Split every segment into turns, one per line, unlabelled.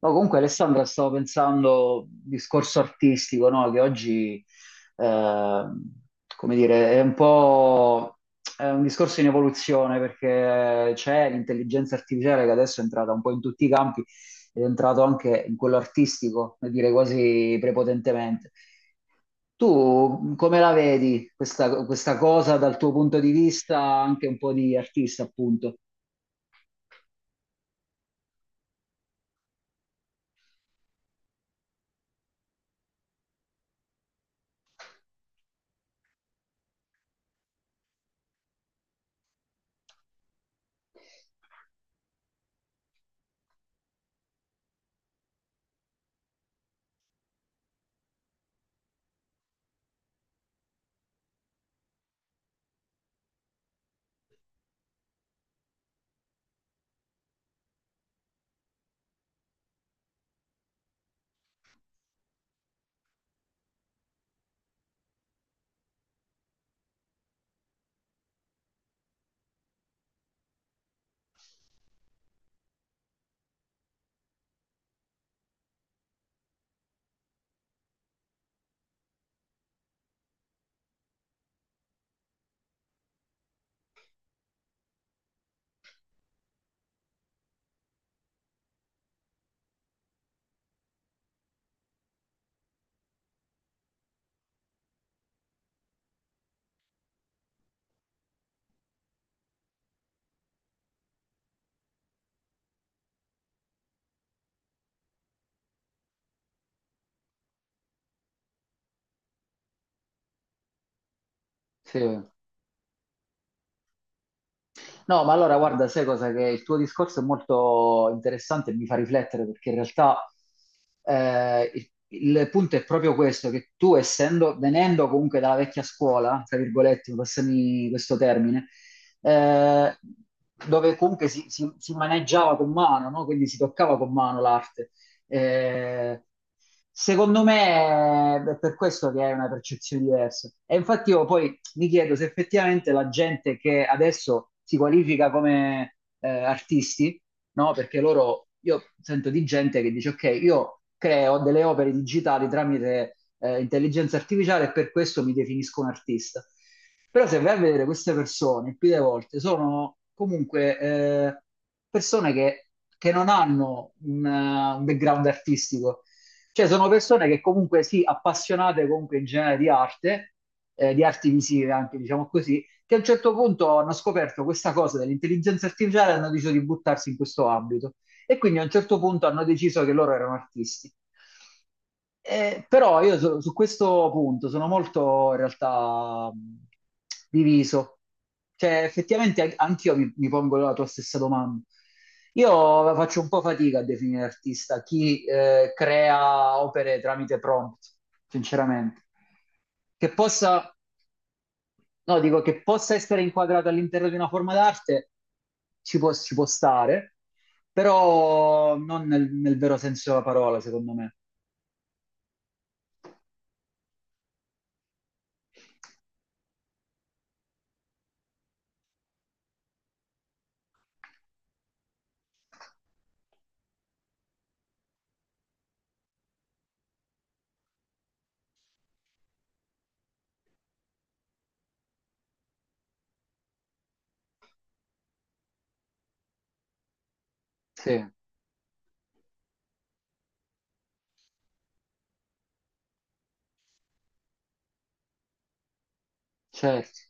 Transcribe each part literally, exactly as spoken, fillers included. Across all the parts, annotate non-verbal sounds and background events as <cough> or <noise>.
No, comunque Alessandra, stavo pensando, discorso artistico, no? Che oggi, eh, come dire, è un po' è un discorso in evoluzione perché c'è l'intelligenza artificiale che adesso è entrata un po' in tutti i campi ed è entrato anche in quello artistico, per dire quasi prepotentemente. Tu come la vedi questa, questa cosa dal tuo punto di vista anche un po' di artista, appunto? Sì. No, ma allora guarda, sai cosa? Che il tuo discorso è molto interessante e mi fa riflettere perché in realtà eh, il, il punto è proprio questo, che tu essendo, venendo comunque dalla vecchia scuola, tra virgolette, passami questo termine, eh, dove comunque si, si- si maneggiava con mano, no? Quindi si toccava con mano l'arte. Eh, Secondo me è per questo che è una percezione diversa. E infatti io poi mi chiedo se effettivamente la gente che adesso si qualifica come eh, artisti, no? Perché loro, io sento di gente che dice, ok, io creo delle opere digitali tramite eh, intelligenza artificiale e per questo mi definisco un artista. Però se vai a vedere queste persone, più delle volte, sono comunque eh, persone che, che non hanno un, eh, un background artistico. Cioè sono persone che comunque sì, appassionate comunque in genere di arte, eh, di arti visive anche, diciamo così, che a un certo punto hanno scoperto questa cosa dell'intelligenza artificiale e hanno deciso di buttarsi in questo ambito. E quindi a un certo punto hanno deciso che loro erano artisti. Eh, però io su, su questo punto sono molto in realtà mh, diviso. Cioè, effettivamente an- anch'io mi, mi pongo la tua stessa domanda. Io faccio un po' fatica a definire artista chi eh, crea opere tramite prompt, sinceramente. Che possa No, dico che possa essere inquadrato all'interno di una forma d'arte, ci può, ci può stare, però non nel, nel vero senso della parola, secondo me. Sì, certo,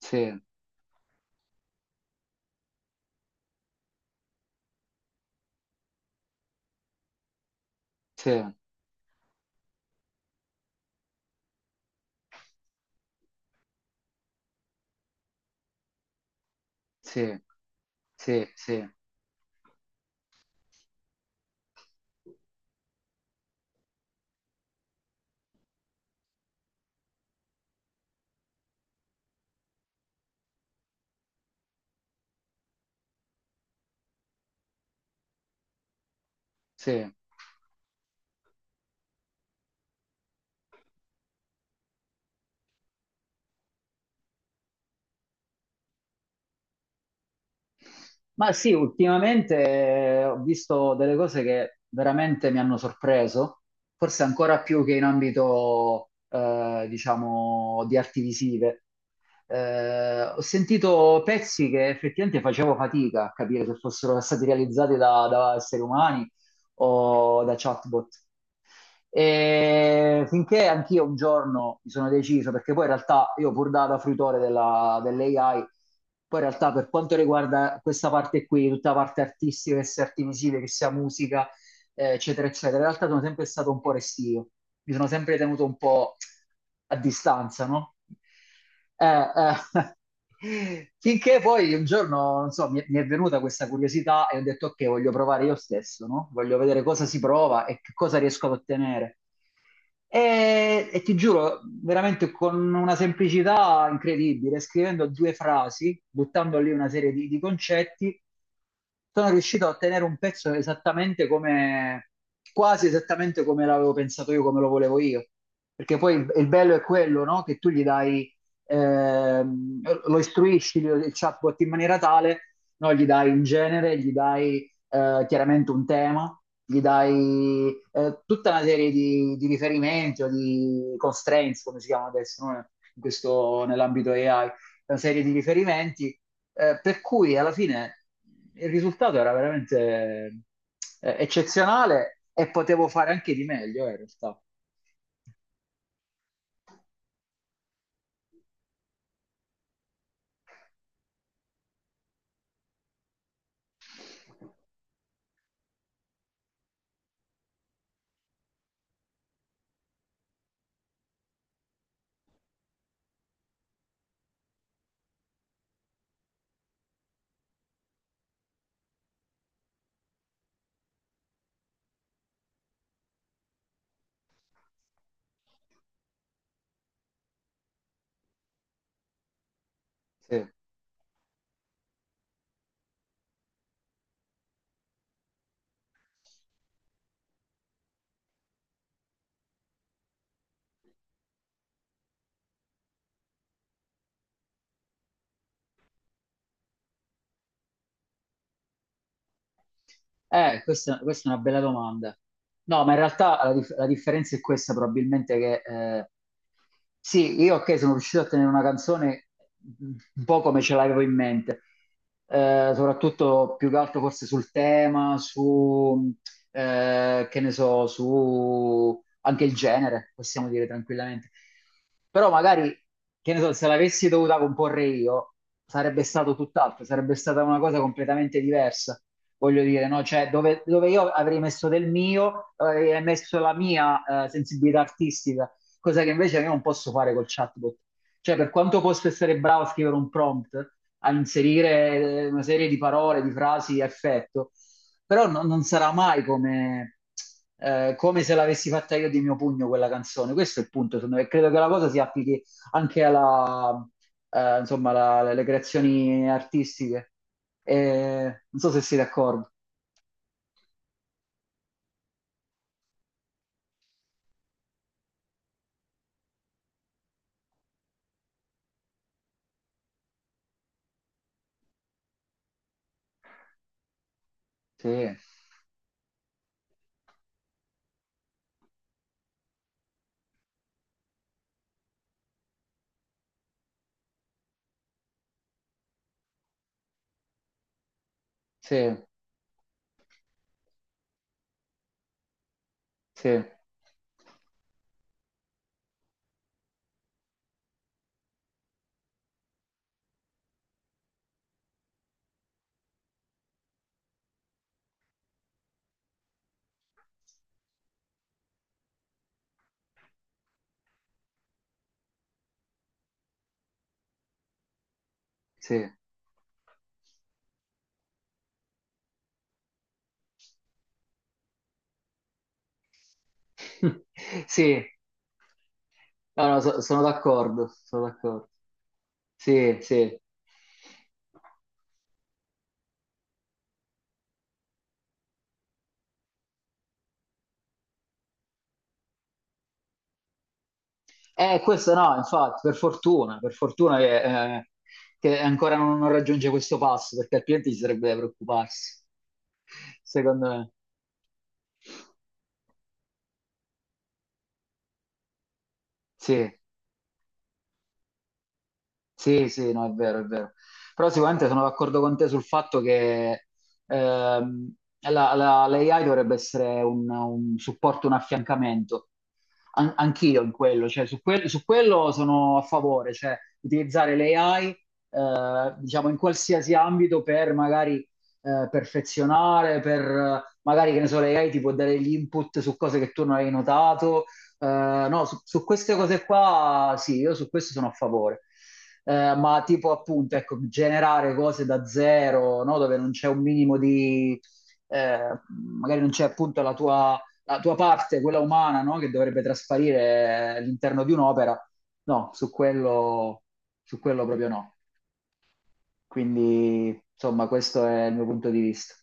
sì, sì, sì, sì, sì, sì. Ma sì, ultimamente eh, ho visto delle cose che veramente mi hanno sorpreso, forse ancora più che in ambito, eh, diciamo, di arti visive. Eh, ho sentito pezzi che effettivamente facevo fatica a capire se fossero stati realizzati da, da esseri umani o da chatbot. E finché anch'io un giorno mi sono deciso, perché poi in realtà io pur da, da fruitore della- dell'A I, poi in realtà per quanto riguarda questa parte qui, tutta la parte artistica, che sia artivisile, che sia musica, eh, eccetera, eccetera. In realtà sono sempre stato un po' restio, mi sono sempre tenuto un po' a distanza, no? Eh, eh, <laughs> Finché poi un giorno, non so, mi, mi è venuta questa curiosità e ho detto ok, voglio provare io stesso, no? Voglio vedere cosa si prova e che cosa riesco ad ottenere. E, e ti giuro, veramente con una semplicità incredibile, scrivendo due frasi, buttando lì una serie di, di concetti, sono riuscito a ottenere un pezzo esattamente come, quasi esattamente come l'avevo pensato io, come lo volevo io. Perché poi il, il bello è quello, no? Che tu gli dai, ehm, lo istruisci il chatbot in maniera tale, no? Gli dai un genere, gli dai eh, chiaramente un tema, gli dai eh, tutta una serie di, di riferimenti o di constraints, come si chiama adesso, no? In questo- nell'ambito A I, una serie di riferimenti, eh, per cui alla fine il risultato era veramente eh, eccezionale e potevo fare anche di meglio, eh, in realtà. Sì. Eh, questa, questa è una bella domanda. No, ma in realtà la, dif- la differenza è questa, probabilmente che eh, sì, io ok, sono riuscito a tenere una canzone un po' come ce l'avevo in mente. Eh, soprattutto più che altro forse sul tema, su, eh, che ne so, su anche il genere, possiamo dire tranquillamente. Però magari, che ne so, se l'avessi dovuta comporre io, sarebbe stato tutt'altro, sarebbe stata una cosa completamente diversa. Voglio dire, no? Cioè, dove, dove io avrei messo del mio, avrei messo la mia, eh, sensibilità artistica, cosa che invece io non posso fare col chatbot. Cioè, per quanto posso essere bravo a scrivere un prompt, a inserire eh, una serie di parole, di frasi a effetto, però no- non sarà mai come, eh, come se l'avessi fatta io di mio pugno quella canzone. Questo è il punto, secondo me. Credo che la cosa si applichi anche alla, eh, insomma, la- alle creazioni artistiche. Eh, non so se siete d'accordo. Sì, sì, sì, sì. <laughs> Sì, no, no, so- sono d'accordo, sono d'accordo. Sì, sì. Eh, questo no, infatti, per fortuna, per fortuna che, eh, che ancora non, non raggiunge questo passo, perché altrimenti ci sarebbe da preoccuparsi, secondo me. Sì. Sì, sì, no, è vero, è vero. Però sicuramente sono d'accordo con te sul fatto che ehm, la, la- l'A I dovrebbe essere un, un supporto, un affiancamento. An- anch'io in quello, cioè su, quel- su quello sono a favore, cioè utilizzare l'A I eh, diciamo in qualsiasi ambito per magari eh, perfezionare, per eh, magari che ne so, l'A I ti può dare gli input su cose che tu non hai notato, eh, no, su, su queste cose qua sì, io su questo sono a favore. Eh, ma tipo appunto, ecco, generare cose da zero, no? Dove non c'è un minimo di... eh, magari non c'è appunto la tua, la tua parte, quella umana, no? Che dovrebbe trasparire all'interno di un'opera. No, su quello, su quello proprio no. Quindi, insomma, questo è il mio punto di vista.